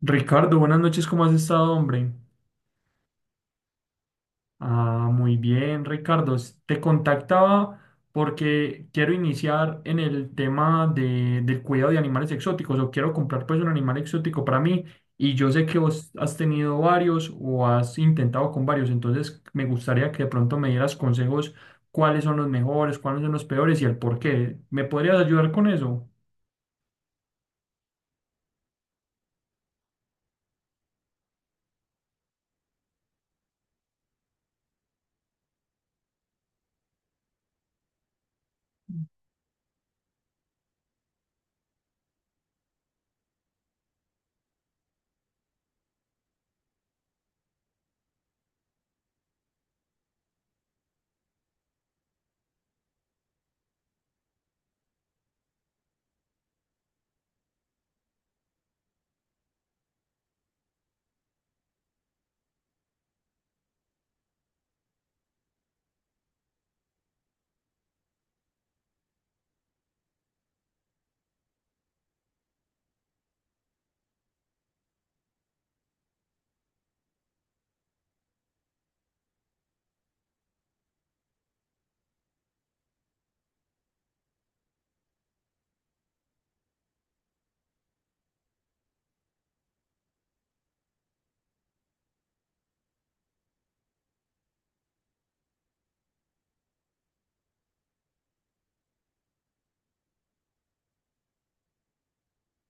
Ricardo, buenas noches, ¿cómo has estado, hombre? Ah, muy bien, Ricardo. Te contactaba porque quiero iniciar en el tema del cuidado de animales exóticos o quiero comprar pues un animal exótico para mí y yo sé que vos has tenido varios o has intentado con varios, entonces me gustaría que de pronto me dieras consejos cuáles son los mejores, cuáles son los peores y el por qué. ¿Me podrías ayudar con eso?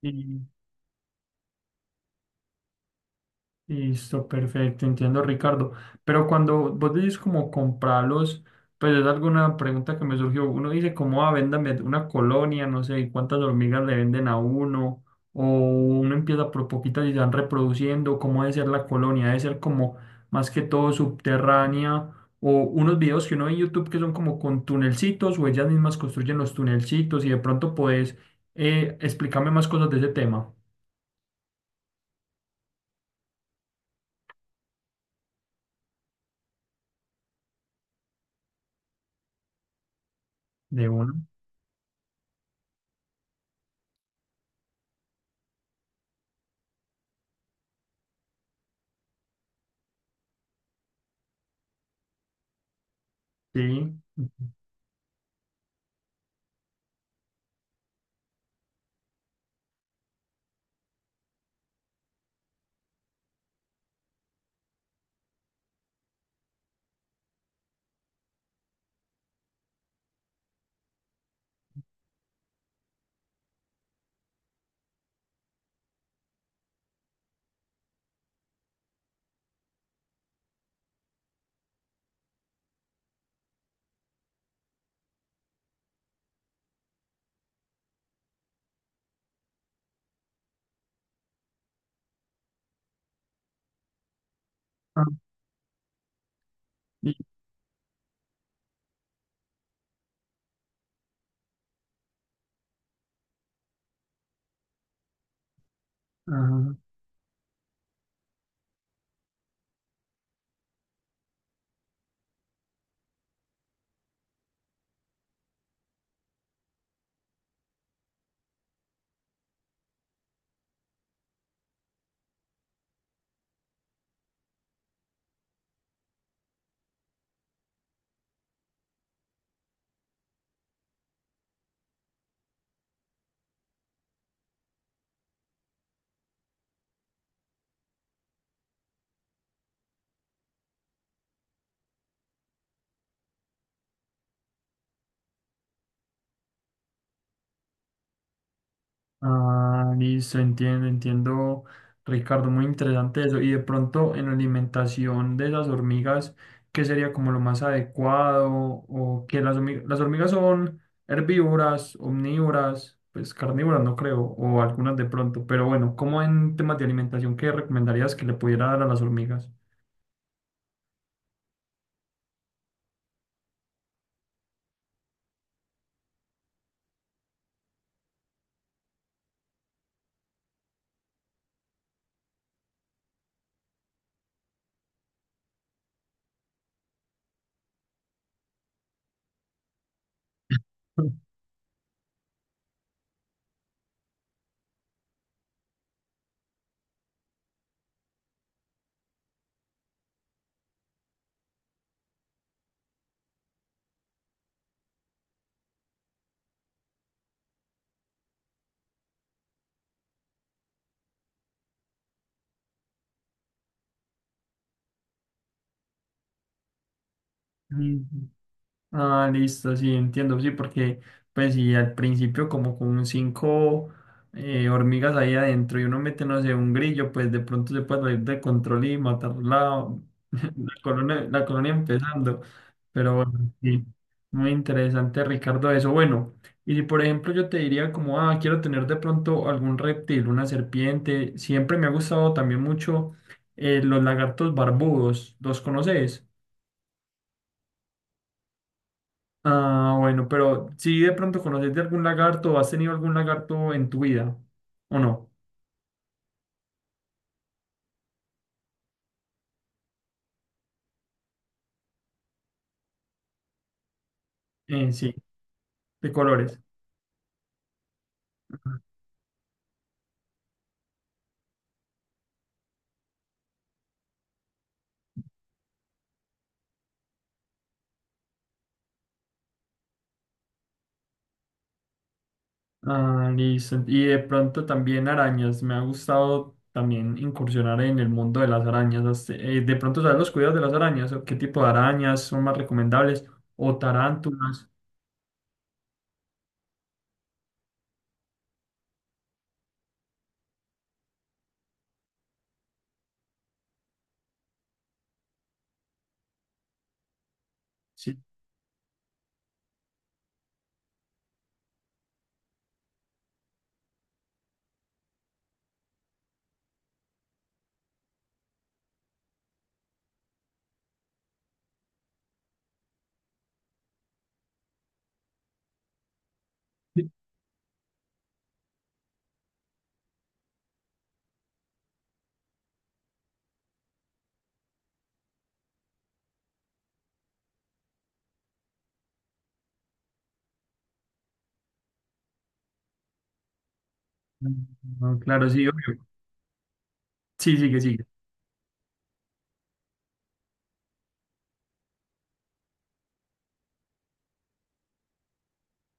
Sí. Listo, perfecto, entiendo, Ricardo. Pero cuando vos decís como comprarlos, pues es alguna pregunta que me surgió. Uno dice como, ah, véndame una colonia, no sé, y cuántas hormigas le venden a uno, o uno empieza por poquitas y se van reproduciendo, cómo debe ser la colonia, debe ser como más que todo subterránea, o unos videos que uno ve en YouTube que son como con tunelcitos, o ellas mismas construyen los tunelcitos, y de pronto podés explicarme más cosas de ese tema. De uno, sí. Ah. Ajá. Ah, listo, entiendo, entiendo, Ricardo, muy interesante eso. Y de pronto en la alimentación de las hormigas, ¿qué sería como lo más adecuado? O que las hormigas son herbívoras, omnívoras, pues carnívoras no creo, o algunas de pronto. Pero bueno, ¿cómo en temas de alimentación, qué recomendarías que le pudiera dar a las hormigas? Mm. Ah, listo, sí, entiendo, sí, porque pues si al principio como con cinco hormigas ahí adentro y uno mete, no sé, un grillo, pues de pronto se puede salir de control y matar la, la colonia empezando. Pero bueno, sí, muy interesante, Ricardo, eso. Bueno, y si por ejemplo yo te diría como, ah, quiero tener de pronto algún reptil, una serpiente, siempre me ha gustado también mucho los lagartos barbudos, ¿los conoces? Ah, bueno, pero si de pronto conoces de algún lagarto o has tenido algún lagarto en tu vida, ¿o no? Sí, de colores. Ah, listo. Y de pronto también arañas. Me ha gustado también incursionar en el mundo de las arañas. De pronto, ¿sabes los cuidados de las arañas? ¿O ¿qué tipo de arañas son más recomendables? ¿O tarántulas? Sí. Sí. Ah, claro, sí, obvio. Sí, sigue, sigue.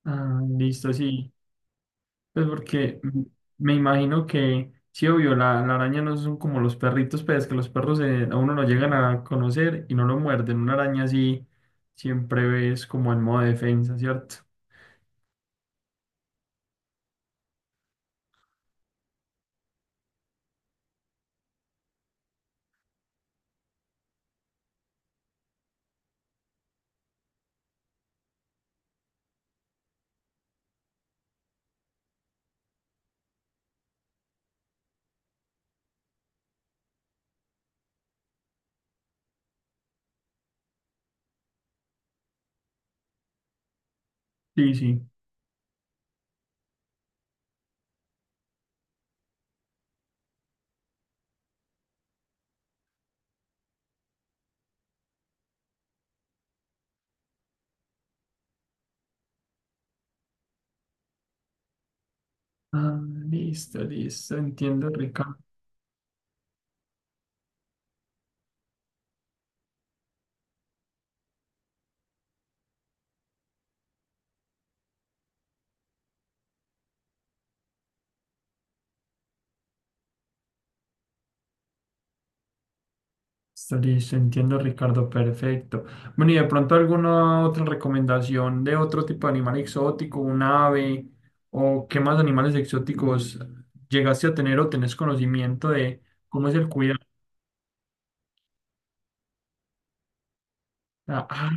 Ah, listo, sí. Pues porque mm, me imagino que, sí, obvio, la araña no son como los perritos, pero es que los perros a uno lo llegan a conocer y no lo muerden. Una araña sí siempre ves como en modo defensa, ¿cierto? Sí, sí. Ah, listo, listo, entiendo, Ricardo. Listo, listo, entiendo, Ricardo, perfecto. Bueno, y de pronto alguna otra recomendación de otro tipo de animal exótico, un ave, o qué más animales exóticos llegaste a tener o tenés conocimiento de cómo es el cuidado. Ah, ah,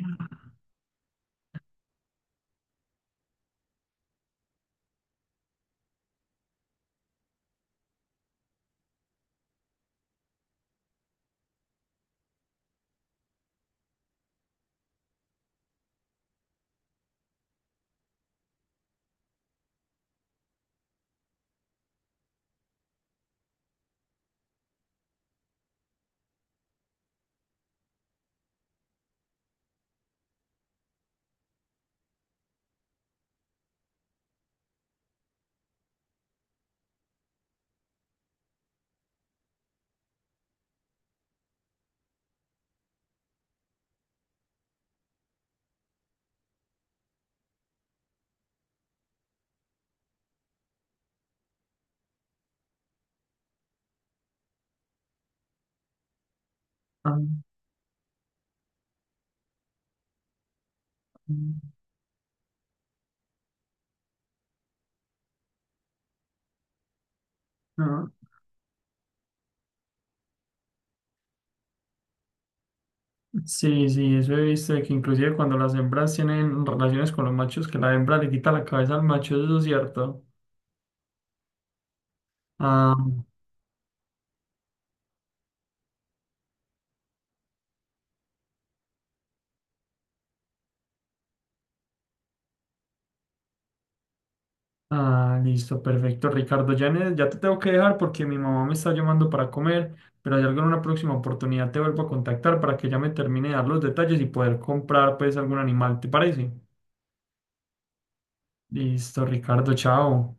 ah, ah. Ah. Sí, sí, eso he visto de que inclusive cuando las hembras tienen relaciones con los machos, que la hembra le quita la cabeza al macho, eso es cierto. Ah, ah, listo, perfecto, Ricardo. Ya, ya te tengo que dejar porque mi mamá me está llamando para comer, pero hay algo en una próxima oportunidad te vuelvo a contactar para que ya me termine de dar los detalles y poder comprar pues algún animal, ¿te parece? Listo, Ricardo, chao.